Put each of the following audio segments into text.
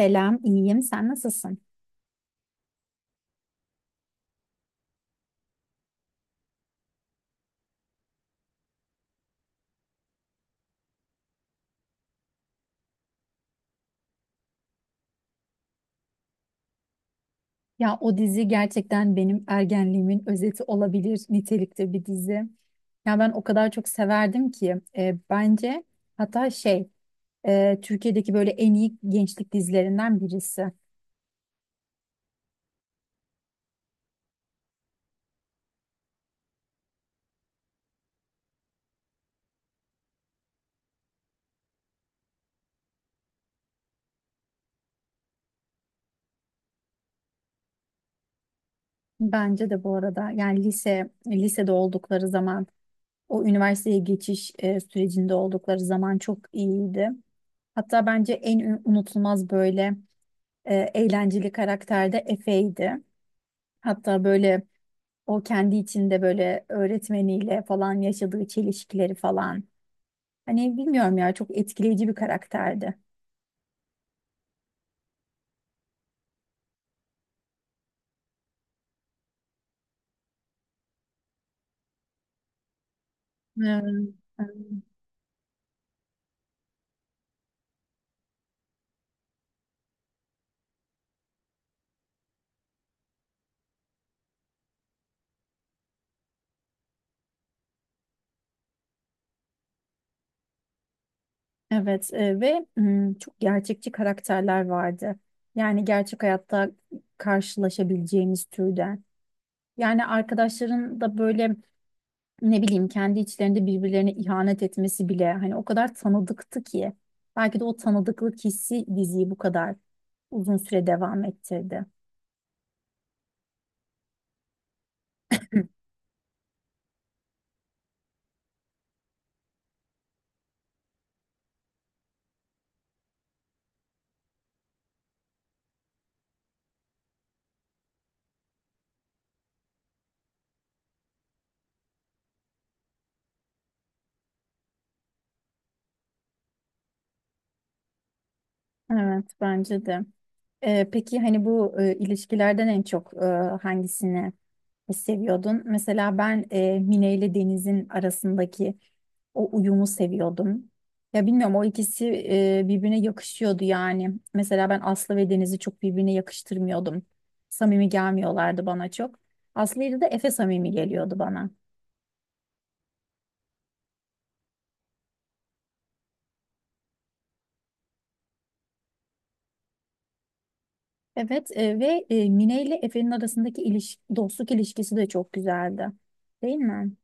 Selam, iyiyim. Sen nasılsın? Ya o dizi gerçekten benim ergenliğimin özeti olabilir nitelikte bir dizi. Ya ben o kadar çok severdim ki bence hatta şey Türkiye'deki böyle en iyi gençlik dizilerinden birisi. Bence de bu arada yani lisede oldukları zaman o üniversiteye geçiş sürecinde oldukları zaman çok iyiydi. Hatta bence en unutulmaz böyle eğlenceli karakter de Efe'ydi. Hatta böyle o kendi içinde böyle öğretmeniyle falan yaşadığı çelişkileri falan. Hani bilmiyorum ya çok etkileyici bir karakterdi. Evet. Evet ve çok gerçekçi karakterler vardı. Yani gerçek hayatta karşılaşabileceğimiz türden. Yani arkadaşların da böyle ne bileyim kendi içlerinde birbirlerine ihanet etmesi bile hani o kadar tanıdıktı ki. Belki de o tanıdıklık hissi diziyi bu kadar uzun süre devam ettirdi. Evet bence de. Peki hani bu ilişkilerden en çok hangisini seviyordun? Mesela ben Mine ile Deniz'in arasındaki o uyumu seviyordum. Ya bilmiyorum o ikisi birbirine yakışıyordu yani. Mesela ben Aslı ve Deniz'i çok birbirine yakıştırmıyordum. Samimi gelmiyorlardı bana çok. Aslı ile de Efe samimi geliyordu bana. Evet ve Mine ile Efe'nin arasındaki dostluk ilişkisi de çok güzeldi. Değil mi?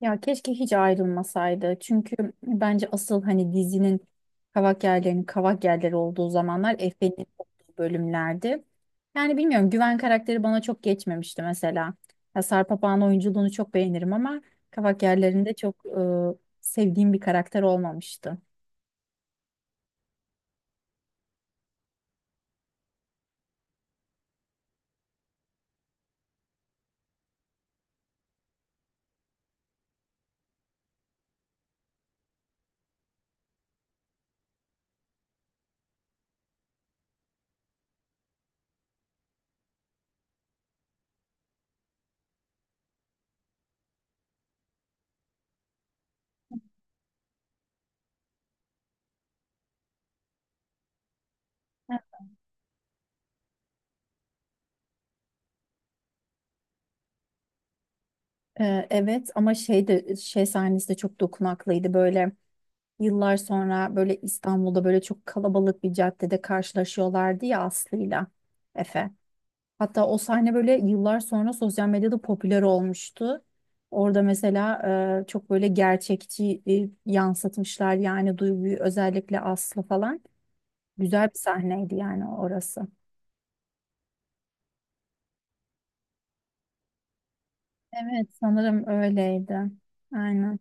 Ya keşke hiç ayrılmasaydı. Çünkü bence asıl hani dizinin kavak yerleri olduğu zamanlar Efe'nin olduğu bölümlerdi. Yani bilmiyorum Güven karakteri bana çok geçmemişti mesela. Ya Sarp Apağan oyunculuğunu çok beğenirim ama kavak yerlerinde çok sevdiğim bir karakter olmamıştı. Evet ama şey de şey sahnesi de çok dokunaklıydı böyle. Yıllar sonra böyle İstanbul'da böyle çok kalabalık bir caddede karşılaşıyorlardı ya Aslı'yla Efe. Hatta o sahne böyle yıllar sonra sosyal medyada popüler olmuştu. Orada mesela çok böyle gerçekçi yansıtmışlar yani duyguyu özellikle Aslı falan. Güzel bir sahneydi yani orası. Evet sanırım öyleydi. Aynen.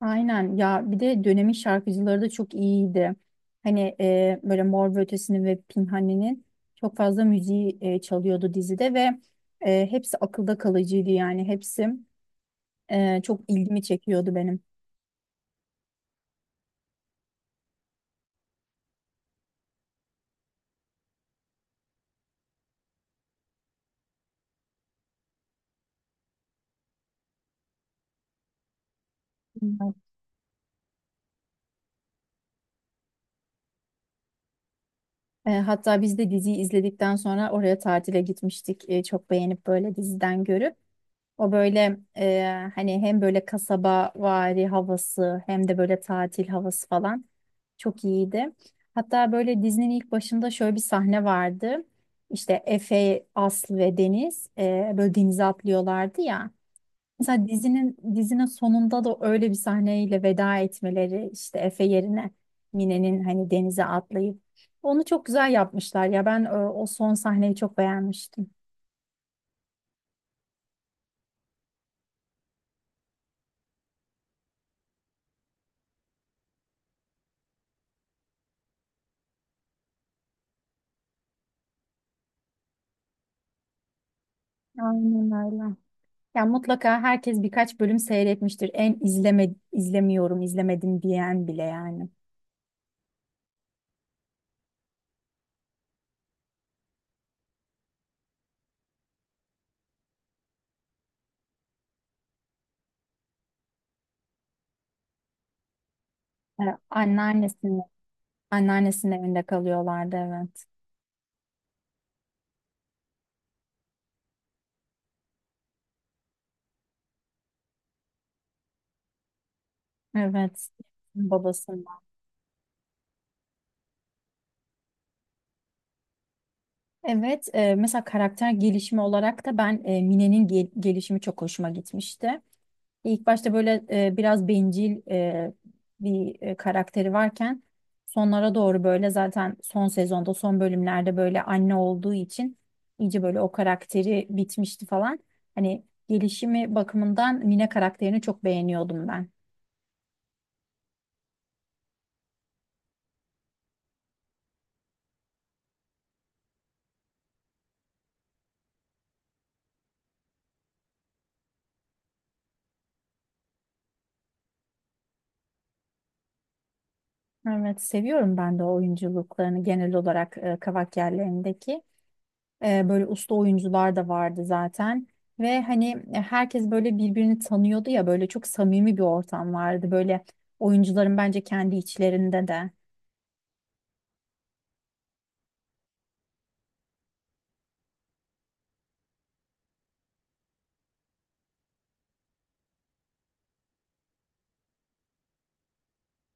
Aynen ya bir de dönemin şarkıcıları da çok iyiydi. Hani böyle Mor ve Ötesi'nin ve Pinhani'nin çok fazla müziği çalıyordu dizide ve hepsi akılda kalıcıydı yani hepsi çok ilgimi çekiyordu benim. E, hatta biz de diziyi izledikten sonra oraya tatile gitmiştik. E, çok beğenip böyle diziden görüp. O böyle hani hem böyle kasaba vari havası hem de böyle tatil havası falan çok iyiydi. Hatta böyle dizinin ilk başında şöyle bir sahne vardı. İşte Efe, Aslı ve Deniz böyle denize atlıyorlardı ya. Mesela dizinin sonunda da öyle bir sahneyle veda etmeleri işte Efe yerine Mine'nin hani denize atlayıp onu çok güzel yapmışlar ya ben o son sahneyi çok beğenmiştim. Aynen öyle. Ya mutlaka herkes birkaç bölüm seyretmiştir. En izlemiyorum, izlemedim diyen bile yani. E, anneannesinin anneannesinin evinde kalıyorlardı evet. Evet. Babası. Evet, mesela karakter gelişimi olarak da ben Mine'nin gelişimi çok hoşuma gitmişti. İlk başta böyle biraz bencil bir karakteri varken sonlara doğru böyle zaten son sezonda son bölümlerde böyle anne olduğu için iyice böyle o karakteri bitmişti falan. Hani gelişimi bakımından Mine karakterini çok beğeniyordum ben. Evet seviyorum ben de o oyunculuklarını genel olarak Kavak yerlerindeki. E, böyle usta oyuncular da vardı zaten. Ve hani herkes böyle birbirini tanıyordu ya böyle çok samimi bir ortam vardı. Böyle oyuncuların bence kendi içlerinde de.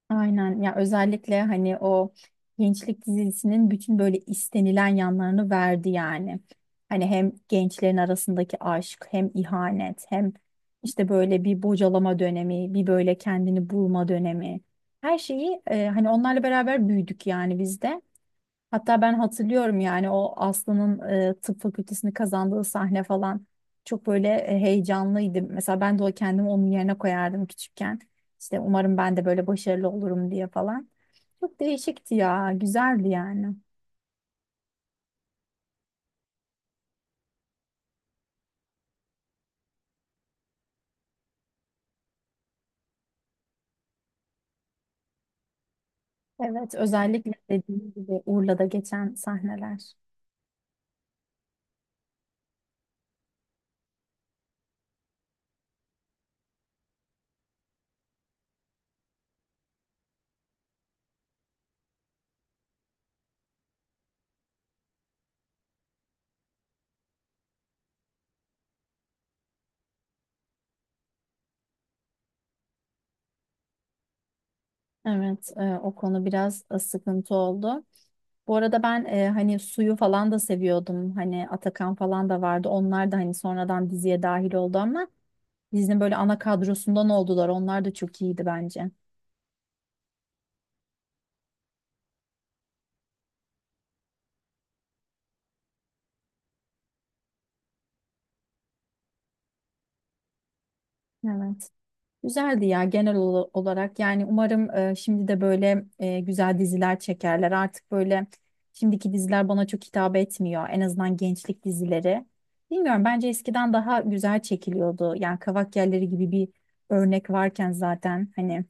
Aynen ya özellikle hani o gençlik dizisinin bütün böyle istenilen yanlarını verdi yani. Hani hem gençlerin arasındaki aşk hem ihanet hem işte böyle bir bocalama dönemi bir böyle kendini bulma dönemi. Her şeyi hani onlarla beraber büyüdük yani biz de. Hatta ben hatırlıyorum yani o Aslı'nın tıp fakültesini kazandığı sahne falan çok böyle heyecanlıydım. Mesela ben de o kendimi onun yerine koyardım küçükken. İşte umarım ben de böyle başarılı olurum diye falan. Çok değişikti ya, güzeldi yani. Evet, özellikle dediğim gibi Urla'da geçen sahneler. Evet, o konu biraz sıkıntı oldu. Bu arada ben hani suyu falan da seviyordum. Hani Atakan falan da vardı. Onlar da hani sonradan diziye dahil oldu ama dizinin böyle ana kadrosundan oldular. Onlar da çok iyiydi bence. Evet. Güzeldi ya genel olarak. Yani umarım şimdi de böyle güzel diziler çekerler. Artık böyle şimdiki diziler bana çok hitap etmiyor. En azından gençlik dizileri. Bilmiyorum bence eskiden daha güzel çekiliyordu. Yani Kavak Yelleri gibi bir örnek varken zaten hani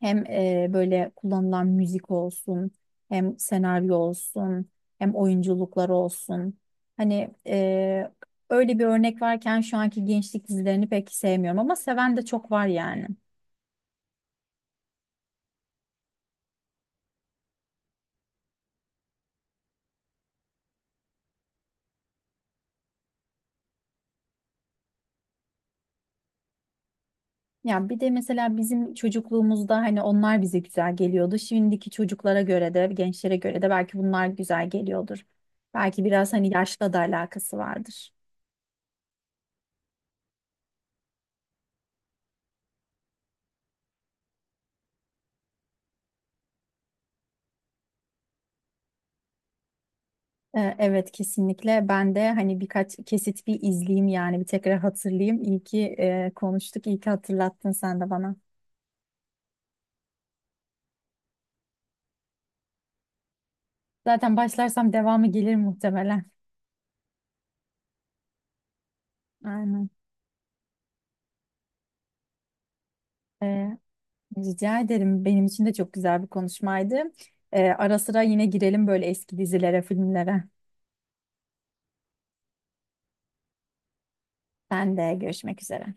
hem böyle kullanılan müzik olsun, hem senaryo olsun, hem oyunculuklar olsun. Hani öyle bir örnek varken şu anki gençlik dizilerini pek sevmiyorum ama seven de çok var yani. Ya bir de mesela bizim çocukluğumuzda hani onlar bize güzel geliyordu. Şimdiki çocuklara göre de, gençlere göre de belki bunlar güzel geliyordur. Belki biraz hani yaşla da alakası vardır. E, evet kesinlikle ben de hani birkaç kesit bir izleyeyim yani bir tekrar hatırlayayım. İyi ki konuştuk, iyi ki hatırlattın sen de bana. Zaten başlarsam devamı gelir muhtemelen. Aynen. E, rica ederim. Benim için de çok güzel bir konuşmaydı. E, ara sıra yine girelim böyle eski dizilere, filmlere. Ben de görüşmek üzere.